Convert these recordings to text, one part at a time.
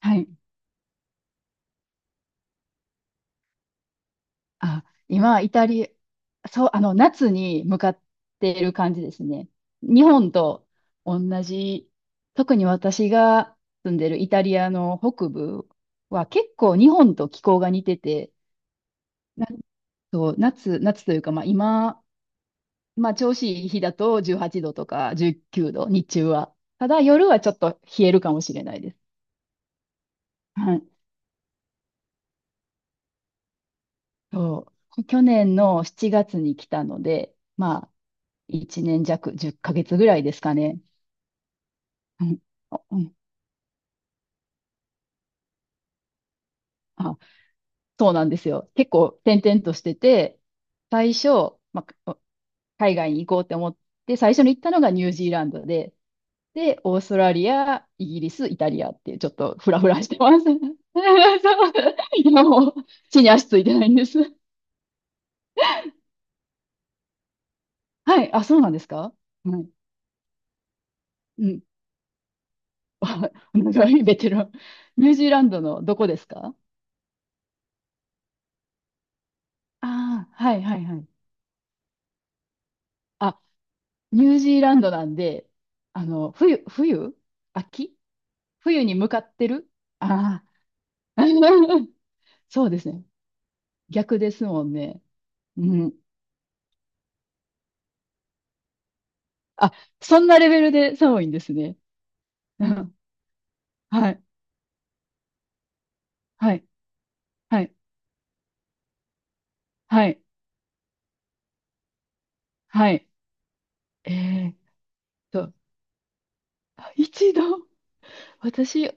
はい。あ、今、イタリア、そう、夏に向かっている感じですね。日本と同じ、特に私が住んでるイタリアの北部は結構日本と気候が似てて、なんと夏というか、まあ今、まあ調子いい日だと18度とか19度、日中は。ただ夜はちょっと冷えるかもしれないです。はい。そう。去年の7月に来たので、まあ、1年弱、10ヶ月ぐらいですかね。うん。あ、うん。あ、そうなんですよ。結構転々としてて、最初、まあ、海外に行こうって思って、最初に行ったのがニュージーランドで、で、オーストラリア、イギリス、イタリアっていう、ちょっとフラフラしてます。そう。今もう、地に足ついてないんです。はい。あ、そうなんですか。はい。うん。あ、長いベテラン。ニュージーランドのどこですか？ああー、はいはいはい。あ、ニュージーランドなんで、冬、秋冬に向かってる、ああー。そうですね。逆ですもんね。うん。あ、そんなレベルで寒いんですね。うん。はい。はい。はい。はい。はい。えーっと、一度、私、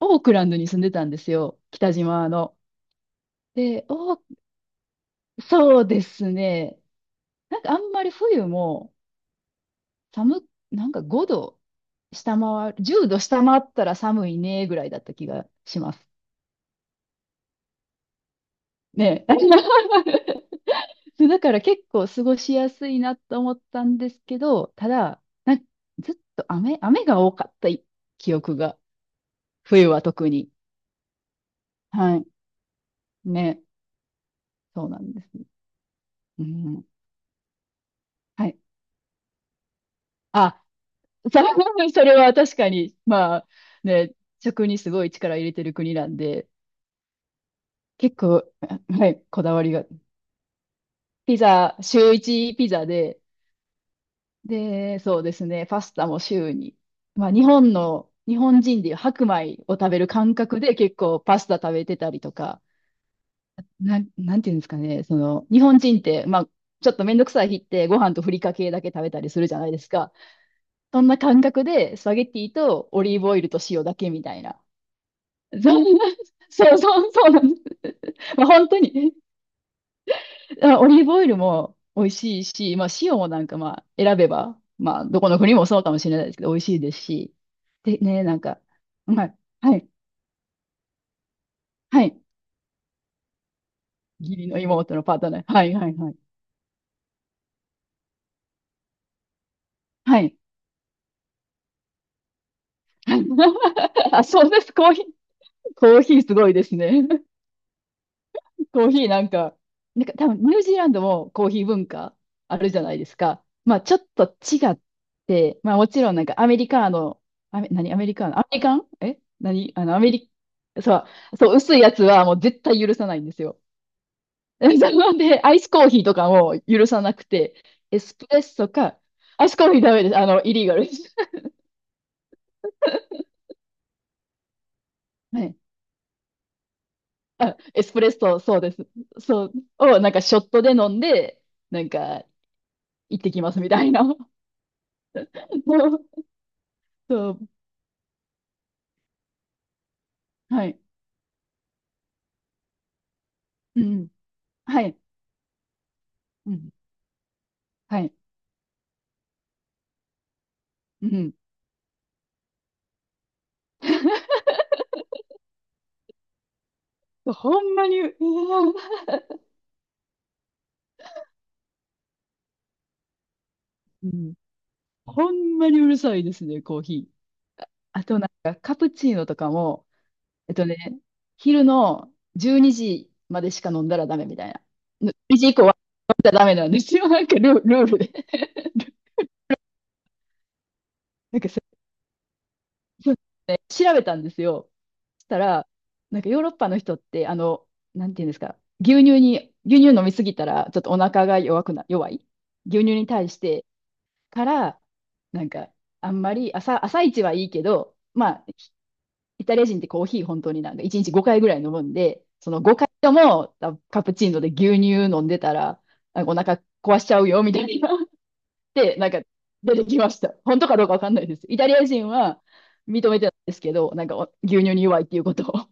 オークランドに住んでたんですよ。北島の。で、お、そうですね。あんまり冬も、寒っ、なんか5度下回る、10度下回ったら寒いねぐらいだった気がします。ね。そうだから結構過ごしやすいなと思ったんですけど、ただ、なんずっと雨が多かったい記憶が、冬は特に。はい。ね。そうなんですね。うん。はい。あ、そう、 それは確かに、まあ、ね、食にすごい力入れてる国なんで、結構、はい、こだわりが。ピザ、週一ピザで、で、そうですね、パスタも週に。まあ、日本人でいう白米を食べる感覚で結構パスタ食べてたりとか、なんていうんですかね、その、日本人って、まあ、ちょっとめんどくさい日ってご飯とふりかけだけ食べたりするじゃないですか。そんな感覚でスパゲッティとオリーブオイルと塩だけみたいな。そんな、そうそうなんです。まあ、本当に。あ、オリーブオイルも美味しいし、まあ塩もなんかまあ選べば、まあどこの国もそうかもしれないですけど、美味しいですし。でね、なんか、はい、はい、はい。義理の妹のパートナー。はい、はい、はい。はい。はい、あ、そうです。コーヒーすごいですね。コーヒーなんか、なんか多分ニュージーランドもコーヒー文化あるじゃないですか。まあちょっと違って、まあもちろんなんかアメリカーノ、アメリカーノ、アメリカンえ何あのアメリ、そう、そう、薄いやつはもう絶対許さないんですよ。なんで、アイスコーヒーとかも許さなくて、エスプレッソか、アイスコーヒーダメです。イリーガルです。はい。あ、エスプレッソ、そうです。そう、をなんかショットで飲んで、なんか行ってきますみたいな。そう、はい。うん。はい。うん。はい。うん。ほんまに、うわ、うん。ほんまにうるさいですね、コーヒー。ああ、となんか、カプチーノとかも、えっとね、昼の12時までしか飲んだらダメみたいな。1時以降は飲んだらダメなんですよ。なんかルールで。なんかそ、そ調べたんですよ。そしたら、なんかヨーロッパの人って、あの、なんていうんですか、牛乳飲みすぎたら、ちょっとお腹が弱くな、弱い。牛乳に対して、から、なんか、あんまり朝、朝一はいいけど、まあ、イタリア人ってコーヒー本当になんか1日5回ぐらい飲むんで、その5回ともカプチーノで牛乳飲んでたら、なんかお腹壊しちゃうよみたいな。で、なんか出てきました。本当かどうかわかんないです。イタリア人は認めてないですけど、なんかお牛乳に弱いっていうことを。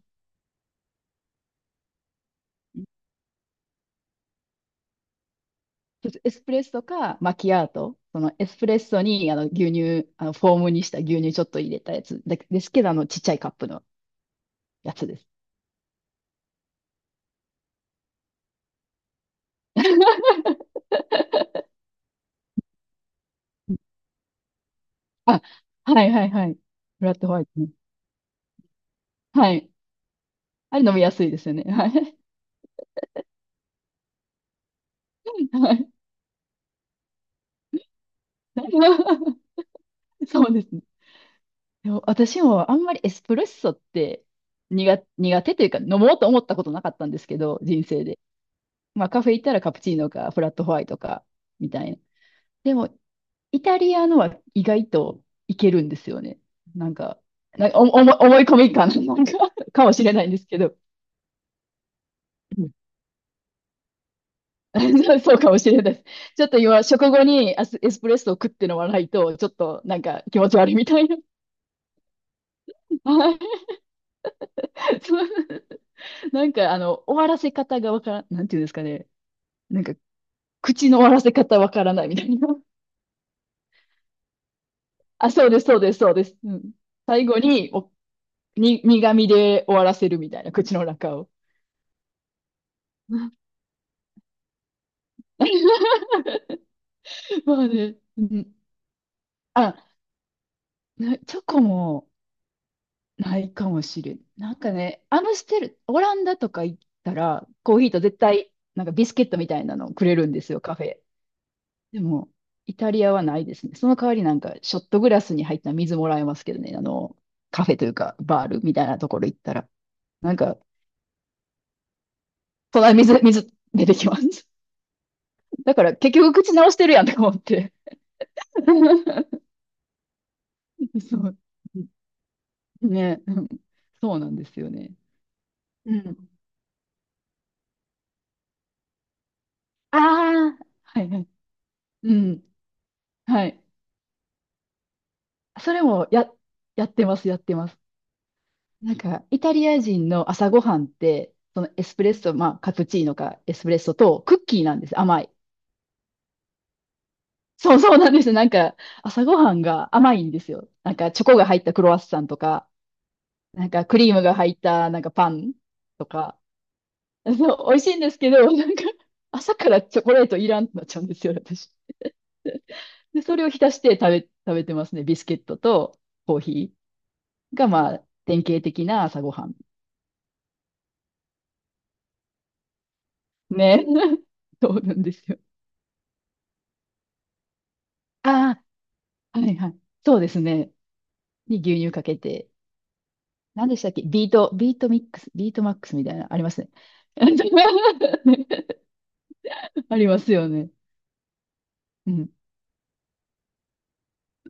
エスプレッソかマキアート。そのエスプレッソにあの牛乳、あのフォームにした牛乳ちょっと入れたやつだですけど、あのちっちゃいカップのやつです。あ、はいはいはい。フラットホワイトね。はい。あれ飲みやすいですよね。はい。はい。そうですね。でも私もあんまりエスプレッソって、苦手というか飲もうと思ったことなかったんですけど、人生で。まあカフェ行ったらカプチーノかフラットホワイトかみたいな。でもイタリアのは意外といけるんですよね。なんか、なんかお思い込み感、なんか かもしれないんですけど。うん、 そうかもしれないです。ちょっと今、食後にエスプレッソを食って飲まないと、ちょっとなんか気持ち悪いみたいな。はい、そう、なんかあの、終わらせ方がわからん、なんていうんですかね。なんか、口の終わらせ方わからないみたいな。あ、そうです、そうです、そうです。うん。最後に、お、に、苦味で終わらせるみたいな、口の中を。まあね、うん。あ、なチョコもないかもしれん。なんかね、アムステル、オランダとか行ったら、コーヒーと絶対、なんかビスケットみたいなのをくれるんですよ、カフェ。でも、イタリアはないですね。その代わりなんか、ショットグラスに入った水もらえますけどね、あの、カフェというか、バールみたいなところ行ったら。なんか、水出てきます。だから結局口直してるやんとか思って。そう。ね、うん。そうなんですよね。うん。ああ、はいはい。うん。はい。それもや、やってます、やってます。なんか、イタリア人の朝ごはんって、そのエスプレッソ、まあ、カプチーノかエスプレッソとクッキーなんです。甘い。そうそうなんです。なんか、朝ごはんが甘いんですよ。なんか、チョコが入ったクロワッサンとか、なんか、クリームが入った、なんか、パンとか。そう、美味しいんですけど、なんか、朝からチョコレートいらんってなっちゃうんですよ、私。で、それを浸して食べてますね。ビスケットとコーヒーが、まあ、典型的な朝ごはん。ね。そうなんですよ。ああ、はいはい。そうですね。に牛乳かけて。何でしたっけ、ビートミックス、ビートマックスみたいな、ありますね。ありますよね。うん。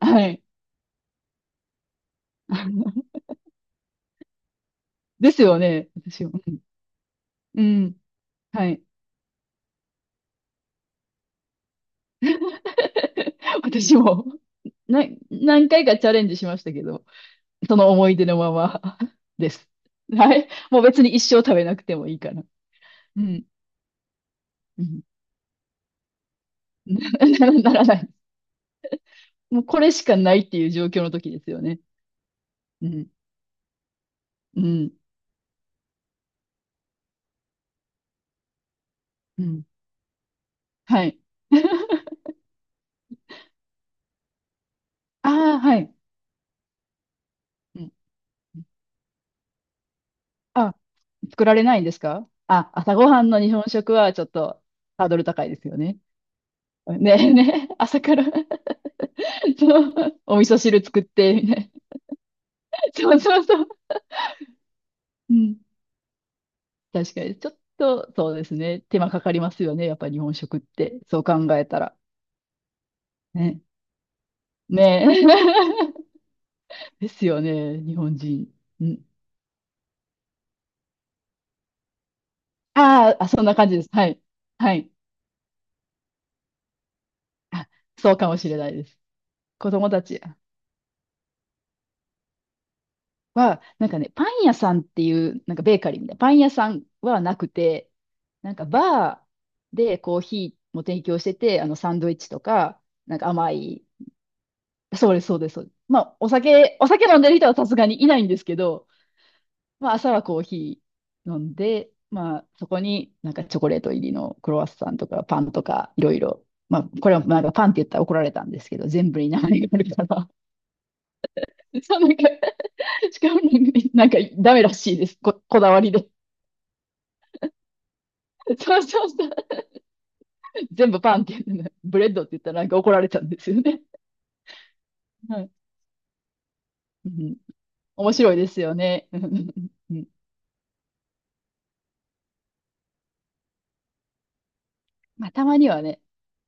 はい。ですよね。私も。うん。うん、はい。私も、な、何回かチャレンジしましたけど、その思い出のまま です。はい。もう別に一生食べなくてもいいかな。うん。うん。ならない。もうこれしかないっていう状況の時ですよね。うん。うん。うん。はい。ああ、はい。うん。あ、作られないんですかあ、朝ごはんの日本食はちょっとハードル高いですよね。ねえねえ、朝から そう、お味噌汁作って、みたいな。そうそうそう。うん。確かに、ちょっと、そうですね。手間かかりますよね。やっぱり日本食って。そう考えたら。ね。ねえ。ですよね。日本人。うん。あーあ、そんな感じです。はい。はい。あ、そうかもしれないです。子供たちは、なんかね、パン屋さんっていう、なんかベーカリーみたいな、パン屋さんはなくて、なんかバーでコーヒーも提供してて、あの、サンドイッチとか、なんか甘い、そうです、そうです。そうです。まあ、お酒、お酒飲んでる人はさすがにいないんですけど、まあ、朝はコーヒー飲んで、まあ、そこになんかチョコレート入りのクロワッサンとかパンとかいろいろ。まあ、これはなんかパンって言ったら怒られたんですけど、全部に名前があるから。そう、なんか、しかもなんかダメらしいです。こだわりで。そうそうそう。全部パンって言ってね、ブレッドって言ったらなんか怒られたんですよね。はい。うん。面白いですよね。うん。うんうん。まあ、たまにはね。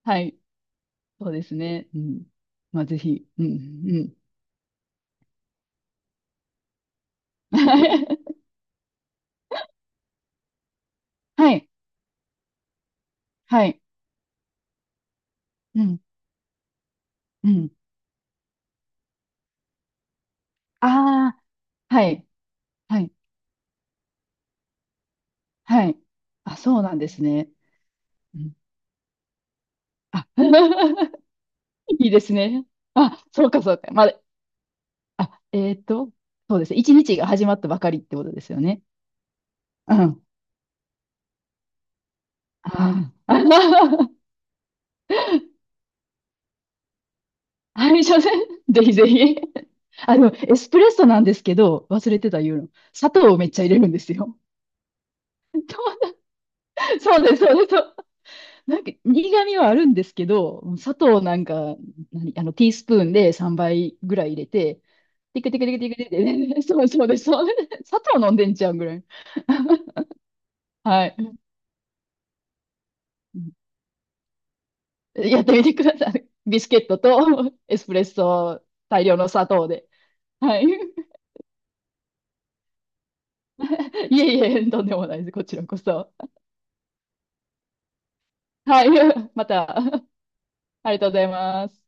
はい。そうですね。うん。まあ、ぜひ。うん。うん。はい。はい。うん、うん。ああ、はい、はい、はい。あ、そうなんですね。うん、あ、いいですね。あ、そうか、そうか。まだ、あ、そうですね。一日が始まったばかりってことですよね。うん。ああ、あれじゃね。ぜひぜひ。あの、エスプレッソなんですけど、忘れてた言うの。砂糖をめっちゃ入れるんですよ。そうです、そうです。なんか苦味はあるんですけど、砂糖なんか、何、あの、ティースプーンで3倍ぐらい入れて、ティクティクティクティクティクティク そうそうです、そうです。砂糖飲んでんちゃうんぐらい。はい。やってみてください。ビスケットとエスプレッソ大量の砂糖で。はい。いえいえ、とんでもないです。こちらこそ。はい。また、ありがとうございます。